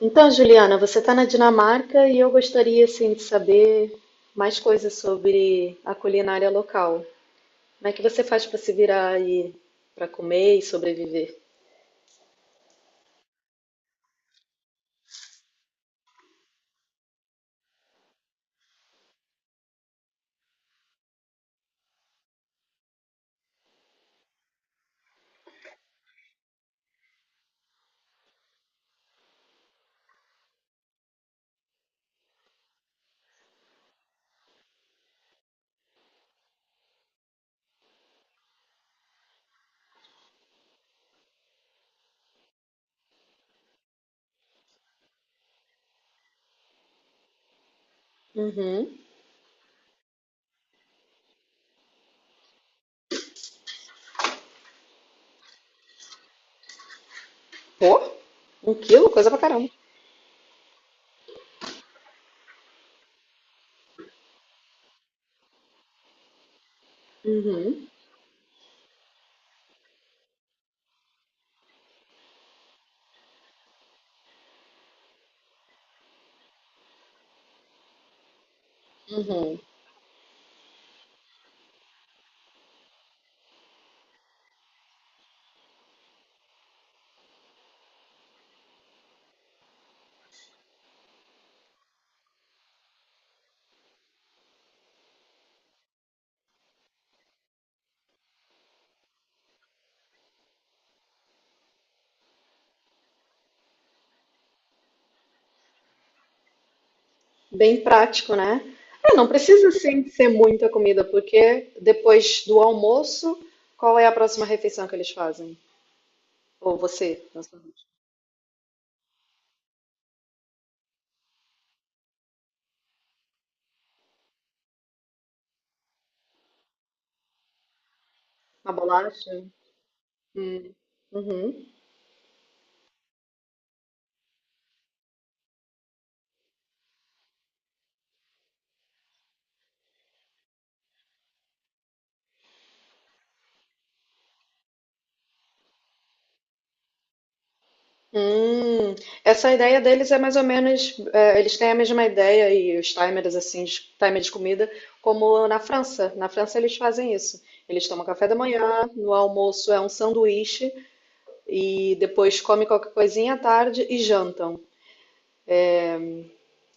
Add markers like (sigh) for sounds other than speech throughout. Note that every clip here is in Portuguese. Então, Juliana, você está na Dinamarca e eu gostaria assim, de saber mais coisas sobre a culinária local. Como é que você faz para se virar aí para comer e sobreviver? Uhum. Pô, um quilo, coisa pra caramba. Uhum. Uhum. Bem prático, né? É, não precisa assim ser muita comida, porque depois do almoço, qual é a próxima refeição que eles fazem? Ou você? Na Uma bolacha? Hum. Uhum. Hum, essa ideia deles é mais ou menos, é, eles têm a mesma ideia e os timers assim, timer de comida, como na França. Na França eles fazem isso. Eles tomam café da manhã, no almoço é um sanduíche e depois comem qualquer coisinha à tarde e jantam.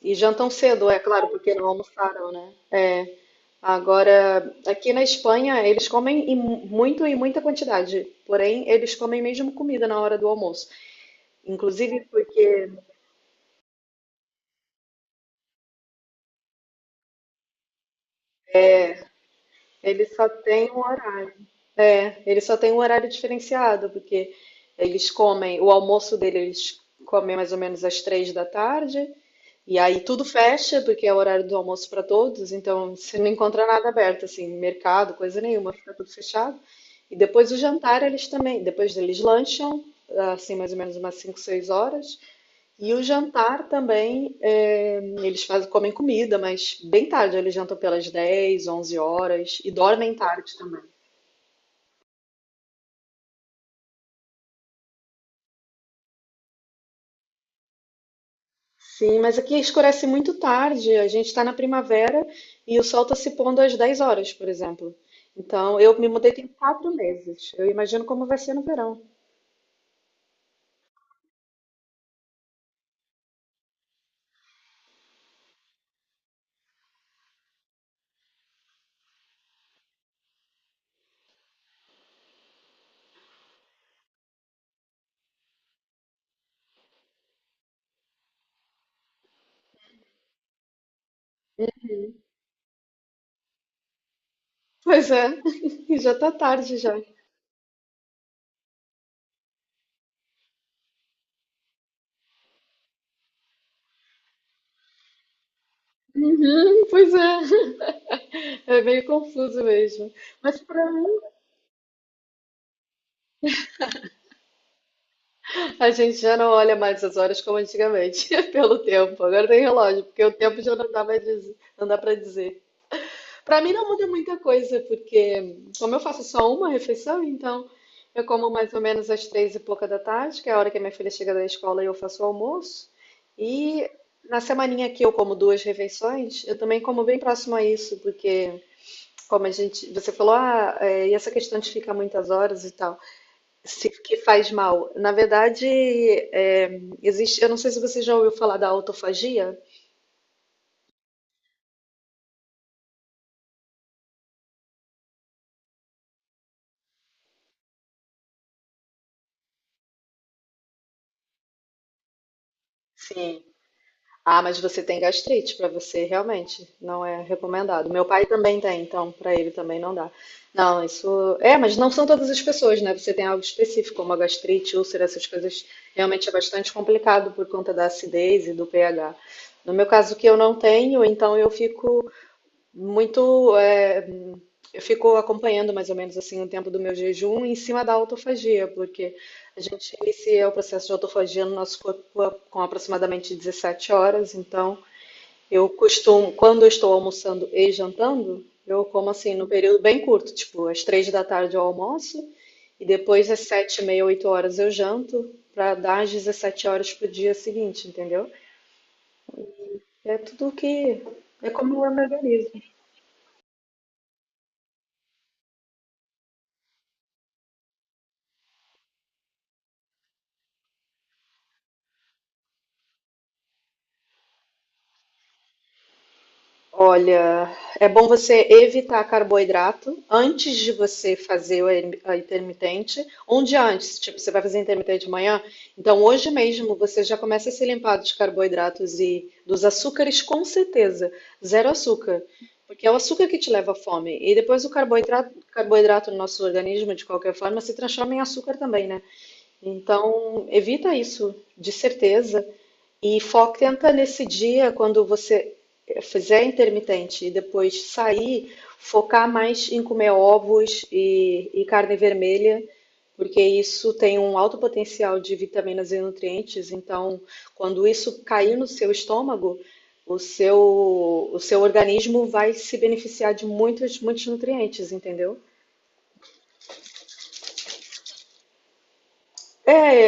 E jantam cedo, é claro, porque não almoçaram, né? Agora, aqui na Espanha eles comem em muito e muita quantidade, porém eles comem mesmo comida na hora do almoço. Inclusive porque eles só têm um horário. É, ele só tem um horário diferenciado, porque eles comem, o almoço dele eles comem mais ou menos às três da tarde, e aí tudo fecha, porque é o horário do almoço para todos, então você não encontra nada aberto, assim, mercado, coisa nenhuma, fica tudo fechado. E depois o jantar eles também, depois eles lancham, assim, mais ou menos umas cinco, seis horas, e o jantar também, é, eles fazem, comem comida, mas bem tarde, eles jantam pelas 10, 11 horas, e dormem tarde também. Sim, mas aqui escurece muito tarde. A gente está na primavera e o sol está se pondo às 10 horas, por exemplo. Então, eu me mudei tem quatro meses. Eu imagino como vai ser no verão. Pois é, (laughs) e já tá tarde já. Uhum, pois é, é meio confuso mesmo. Mas para mim, a gente já não olha mais as horas como antigamente, (laughs) pelo tempo. Agora tem relógio, porque o tempo já não dá mais, não dá para dizer. Para mim não muda muita coisa, porque como eu faço só uma refeição, então eu como mais ou menos às três e pouca da tarde, que é a hora que a minha filha chega da escola e eu faço o almoço. E na semaninha que eu como duas refeições, eu também como bem próximo a isso, porque como a gente, você falou, ah, é, e essa questão de ficar muitas horas e tal, se, que faz mal. Na verdade, é, existe, eu não sei se você já ouviu falar da autofagia. Sim. Ah, mas você tem gastrite, para você, realmente, não é recomendado. Meu pai também tem, então para ele também não dá. Não, isso. É, mas não são todas as pessoas, né? Você tem algo específico, como a gastrite, úlcera, essas coisas, realmente é bastante complicado por conta da acidez e do pH. No meu caso, que eu não tenho, então eu fico muito. É, eu fico acompanhando mais ou menos assim o tempo do meu jejum em cima da autofagia, porque a gente inicia o processo de autofagia no nosso corpo com aproximadamente 17 horas. Então, eu costumo, quando eu estou almoçando e jantando, eu como assim no período bem curto, tipo às 3 da tarde eu almoço e depois às sete e meia, 8 horas eu janto para dar às 17 horas pro dia seguinte, entendeu? É tudo que é como eu me organizo. Olha, é bom você evitar carboidrato antes de você fazer o a intermitente. Um dia antes, tipo, você vai fazer intermitente de manhã, então hoje mesmo você já começa a se limpar dos carboidratos e dos açúcares, com certeza. Zero açúcar, porque é o açúcar que te leva à fome. E depois o carboidrato, carboidrato no nosso organismo, de qualquer forma, se transforma em açúcar também, né? Então, evita isso, de certeza. E foca, tenta nesse dia, quando você fizer intermitente e depois sair, focar mais em comer ovos e carne vermelha, porque isso tem um alto potencial de vitaminas e nutrientes. Então, quando isso cair no seu estômago, o seu, o seu organismo vai se beneficiar de muitos, muitos nutrientes, entendeu? É.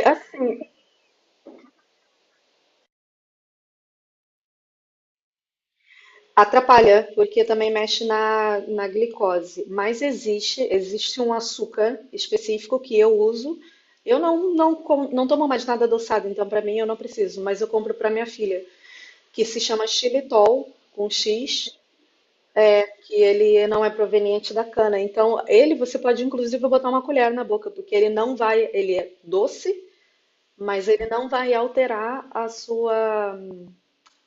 Atrapalha, porque também mexe na glicose. Mas existe, existe um açúcar específico que eu uso. Eu não, não, não tomo mais nada adoçado, então para mim eu não preciso, mas eu compro para minha filha, que se chama xilitol, com X, que ele não é proveniente da cana. Então, ele você pode inclusive botar uma colher na boca, porque ele não vai, ele é doce, mas ele não vai alterar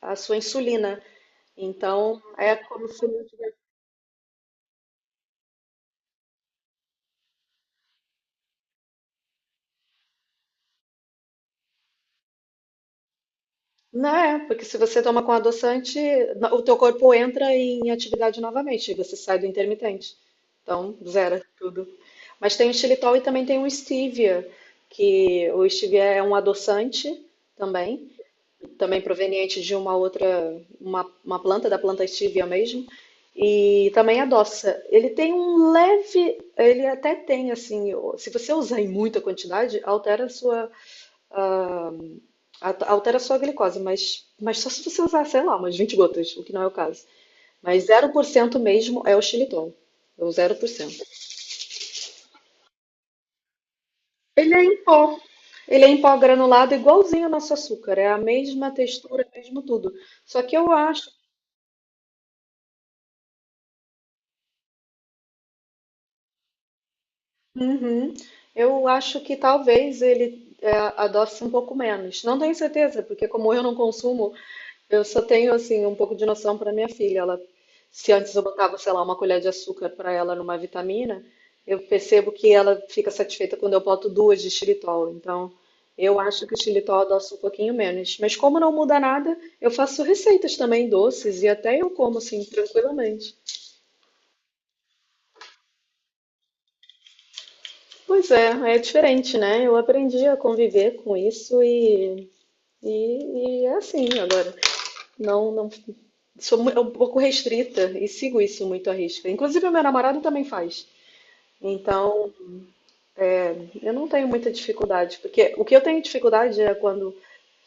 a sua insulina. Então, é como se. Né, porque se você toma com adoçante, o teu corpo entra em atividade novamente, e você sai do intermitente. Então, zera tudo. Mas tem o xilitol e também tem o stevia, que o stevia é um adoçante também, também proveniente de uma outra, uma planta, da planta stevia mesmo, e também adoça. Ele tem um leve, ele até tem assim, se você usar em muita quantidade, altera a sua. Altera a sua glicose, mas só se você usar, sei lá, umas 20 gotas, o que não é o caso. Mas zero por cento mesmo é o xilitol. É o zero por cento. Ele é em pó. Ele é em pó granulado, igualzinho ao nosso açúcar. É a mesma textura, mesmo tudo. Só que eu acho, Uhum. eu acho que talvez ele é, adoce um pouco menos. Não tenho certeza, porque como eu não consumo, eu só tenho assim um pouco de noção para minha filha. Ela, se antes eu botava, sei lá, uma colher de açúcar para ela numa vitamina, eu percebo que ela fica satisfeita quando eu boto duas de xilitol. Então, eu acho que o xilitol adoça um pouquinho menos. Mas como não muda nada, eu faço receitas também doces e até eu como assim tranquilamente. Pois é, é diferente, né? Eu aprendi a conviver com isso e é assim agora. Não, não sou é um pouco restrita e sigo isso muito à risca. Inclusive, o meu namorado também faz. Então, eu não tenho muita dificuldade, porque o que eu tenho dificuldade é quando,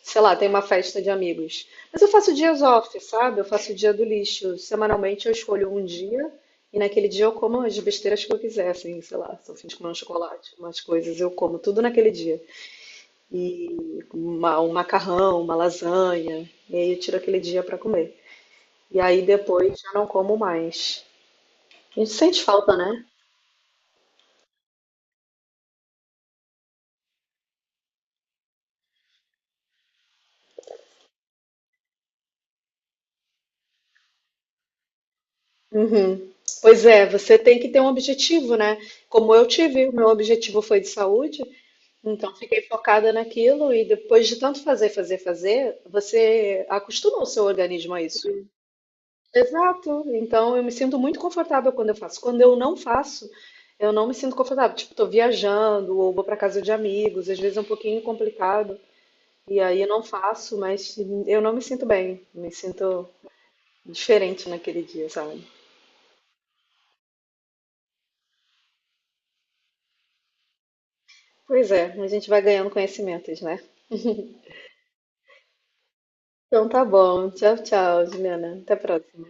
sei lá, tem uma festa de amigos. Mas eu faço dias off, sabe? Eu faço o dia do lixo. Semanalmente eu escolho um dia e naquele dia eu como as besteiras que eu quiser, assim, sei lá, se eu fim de comer um chocolate, umas coisas, eu como tudo naquele dia. E um macarrão, uma lasanha, e aí eu tiro aquele dia para comer. E aí depois já não como mais. A gente sente falta, né? Uhum. Pois é, você tem que ter um objetivo, né? Como eu tive, o meu objetivo foi de saúde, então fiquei focada naquilo e depois de tanto fazer, fazer, fazer, você acostuma o seu organismo a isso. Exato. Então eu me sinto muito confortável quando eu faço. Quando eu não faço, eu não me sinto confortável. Tipo, tô viajando ou vou para casa de amigos, às vezes é um pouquinho complicado e aí eu não faço, mas eu não me sinto bem. Me sinto diferente naquele dia, sabe? Pois é, a gente vai ganhando conhecimentos, né? Então tá bom. Tchau, tchau, Juliana. Até a próxima.